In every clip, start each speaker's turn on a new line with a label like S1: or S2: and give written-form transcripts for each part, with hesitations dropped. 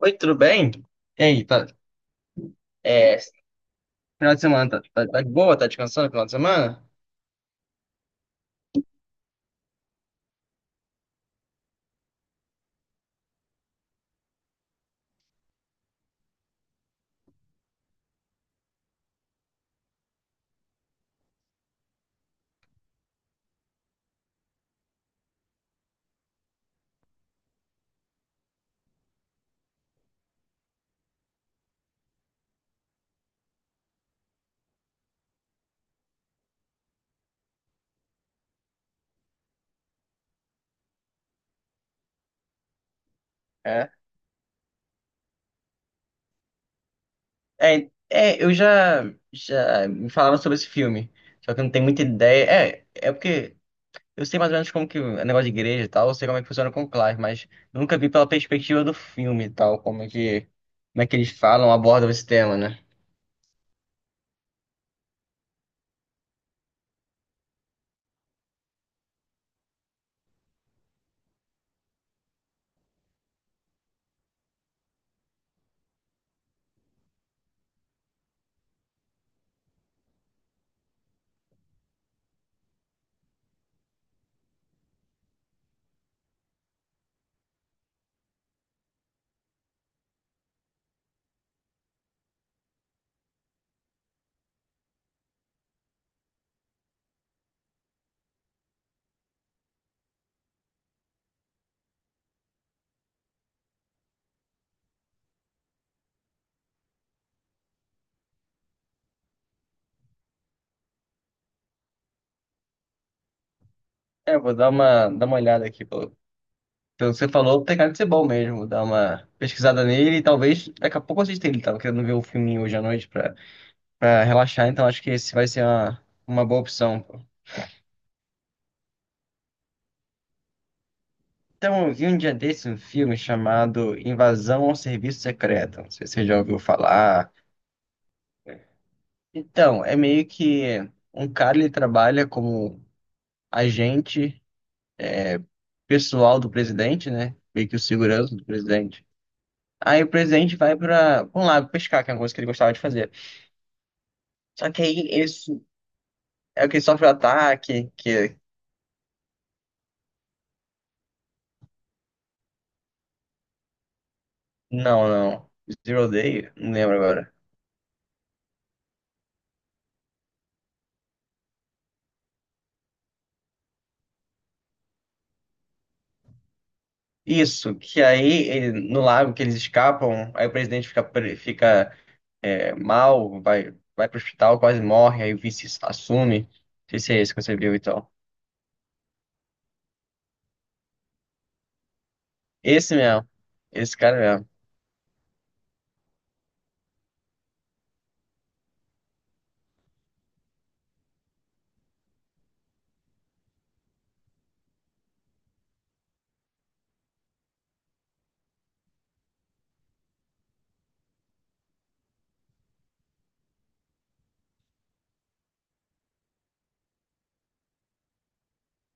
S1: Oi, tudo bem? E aí, tá, é, final de semana, tá de boa? Tá descansando no final de semana? É. É, é, eu já, já me falaram sobre esse filme, só que eu não tenho muita ideia. É porque eu sei mais ou menos como que é negócio de igreja e tal, eu sei como é que funciona com o Clive, mas nunca vi pela perspectiva do filme e tal, como é que eles falam, abordam esse tema, né? É, eu vou dar uma olhada aqui, pô. Pelo que você falou, tem cara de ser bom mesmo. Vou dar uma pesquisada nele e talvez daqui a pouco eu assista ele. Tava querendo ver um filminho hoje à noite pra, pra relaxar, então acho que esse vai ser uma boa opção, pô. Então, eu vi um dia desse um filme chamado Invasão ao Serviço Secreto. Não sei se você já ouviu falar. Então, é meio que um cara, ele trabalha como agente pessoal do presidente, né? Meio que o segurança do presidente. Aí o presidente vai para um lago pescar, que é uma coisa que ele gostava de fazer. Só que aí é que ele sofre um ataque, que... Não, não. Zero Day? Não lembro agora. Isso, que no lago que eles escapam, aí o presidente fica, mal, vai, vai pro hospital, quase morre, aí o vice assume. Não sei se é esse que você viu e tal. Esse mesmo, esse cara mesmo.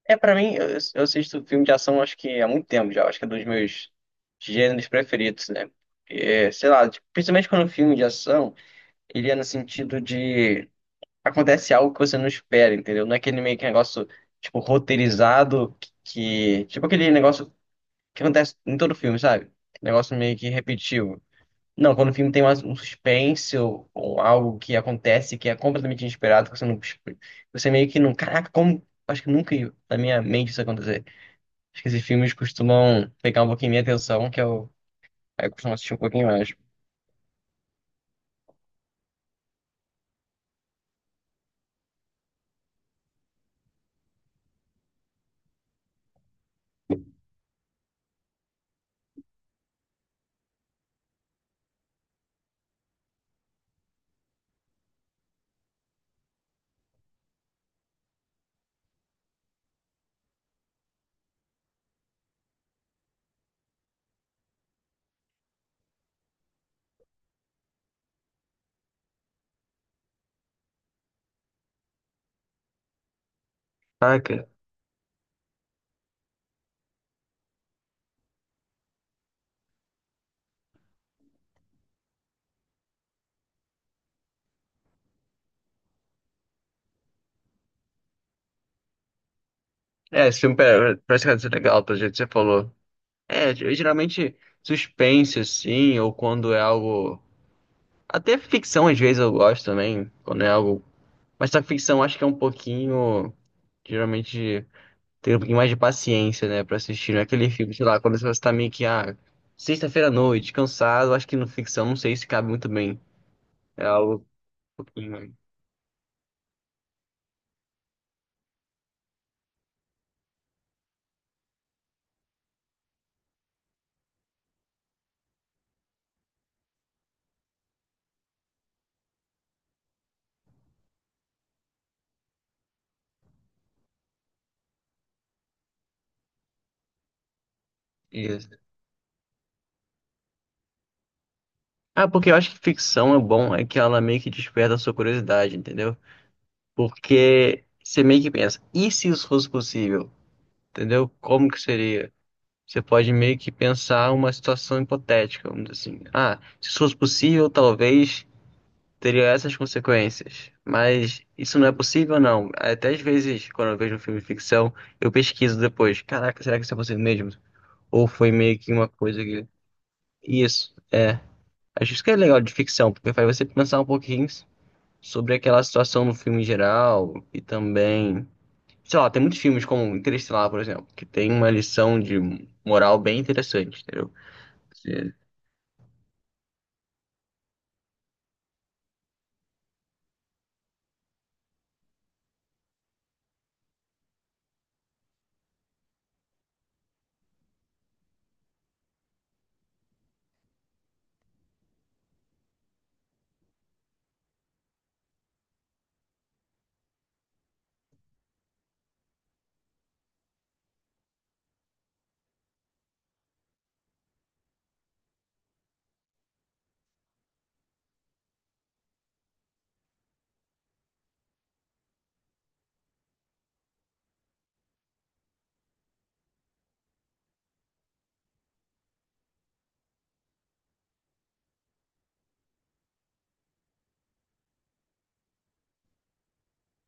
S1: Pra mim, eu assisto filme de ação acho que há muito tempo já, acho que é um dos meus gêneros preferidos, né? É, sei lá, tipo, principalmente quando o filme de ação, ele é no sentido de, acontece algo que você não espera, entendeu? Não é aquele meio que negócio, tipo, roteirizado que, tipo aquele negócio que acontece em todo filme, sabe? Negócio meio que repetitivo. Não, quando o filme tem mais um suspense ou algo que acontece que é completamente inesperado, que você meio que não, caraca, como, acho que nunca ia na minha mente isso acontecer. Acho que esses filmes costumam pegar um pouquinho minha atenção, aí eu costumo assistir um pouquinho mais. Caraca. É, esse parece que vai ser legal, pelo jeito que você falou. É, eu geralmente suspense, assim, ou quando é algo. Até ficção, às vezes, eu gosto também, quando é algo. Mas a ficção acho que é um pouquinho. Geralmente tem um pouquinho mais de paciência, né, pra assistir. Não é aquele filme, sei lá, quando você tá meio que, ah, sexta-feira à noite, cansado. Acho que no ficção, não sei se cabe muito bem. É algo um pouquinho. Isso. Ah, porque eu acho que ficção é bom, é que ela meio que desperta a sua curiosidade, entendeu? Porque você meio que pensa, e se isso fosse possível? Entendeu? Como que seria? Você pode meio que pensar uma situação hipotética, vamos dizer assim. Ah, se isso fosse possível, talvez teria essas consequências. Mas isso não é possível, não. Até às vezes, quando eu vejo um filme de ficção, eu pesquiso depois. Caraca, será que isso é possível mesmo? Ou foi meio que uma coisa que. Isso, é. Acho isso que é legal de ficção, porque faz você pensar um pouquinho sobre aquela situação no filme em geral e também. Sei lá, tem muitos filmes como Interestelar, por exemplo, que tem uma lição de moral bem interessante, entendeu? Você.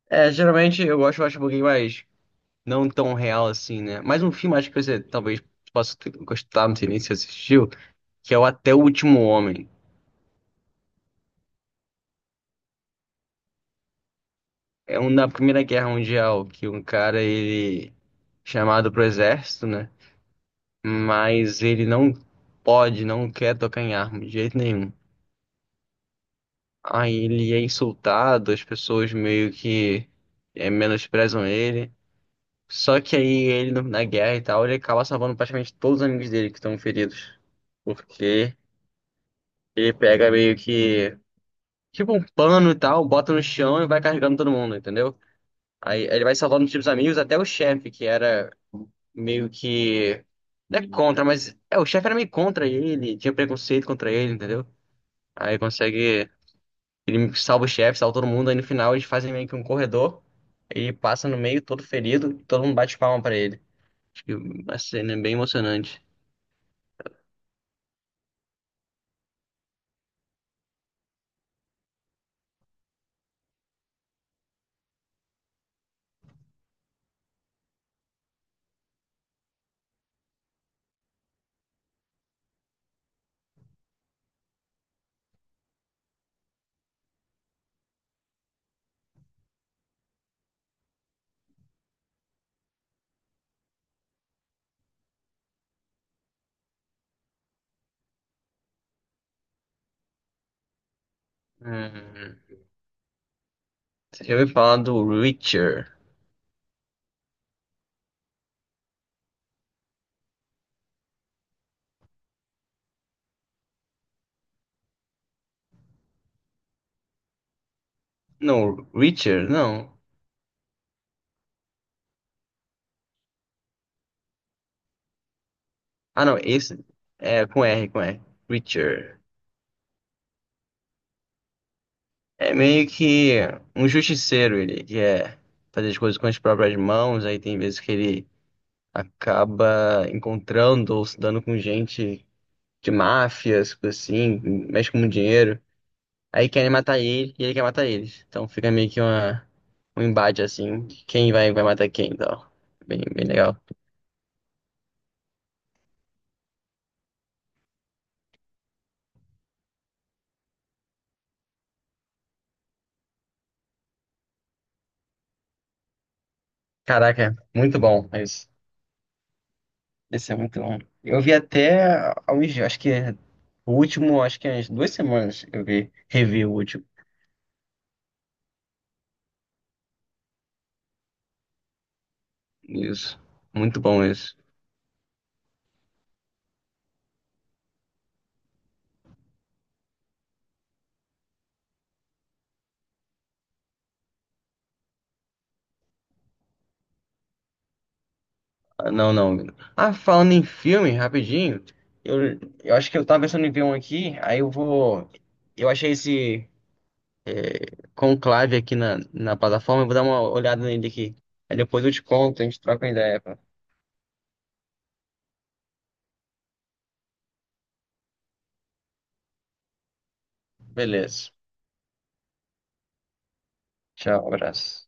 S1: Geralmente eu gosto, eu acho um pouquinho mais não tão real assim, né? Mas um filme acho que você talvez possa ter- gostar, não sei nem se assistiu, que é o Até o Último Homem. É um da Primeira Guerra Mundial, que um cara, ele é chamado pro exército, né? Mas ele não pode, não quer tocar em arma de jeito nenhum. Aí ele é insultado, as pessoas meio que menosprezam ele. Só que aí ele, no- na guerra e tal, ele acaba salvando praticamente todos os amigos dele que estão feridos. Porque ele pega meio que tipo um pano e tal, bota no chão e vai carregando todo mundo, entendeu? Aí ele vai salvando os tipos amigos, até o chefe, que era meio que. Não é contra, mas. É, o chefe era meio contra ele, tinha preconceito contra ele, entendeu? Aí consegue. Ele salva o chefe, salva todo mundo, aí no final eles fazem meio que um corredor, ele passa no meio, todo ferido, todo mundo bate palma pra ele. Acho que a cena é bem emocionante. Hum, você já ouviu falar do Reacher? Não, Reacher, não. Ah, não, esse é com R. Preacher. É meio que um justiceiro, ele quer fazer as coisas com as próprias mãos, aí tem vezes que ele acaba encontrando ou se dando com gente de máfias, coisa assim, mexe com muito dinheiro. Aí querem matar ele e ele quer matar eles. Então fica meio que um embate assim, de quem vai matar quem, então. Bem, bem legal. Caraca, muito bom. Esse é muito longo. Eu vi até há uns dias, acho que é o último, acho que há umas 2 semanas eu vi, revi o último. Isso. Muito bom isso. Ah, não, não, menino. Ah, falando em filme, rapidinho, eu, eu acho que eu tava pensando em ver um aqui, aí eu vou. Eu achei esse, é, Conclave, aqui na plataforma. Eu vou dar uma olhada nele aqui. Aí depois eu te conto, a gente troca uma ideia, pá. Beleza. Tchau, abraço.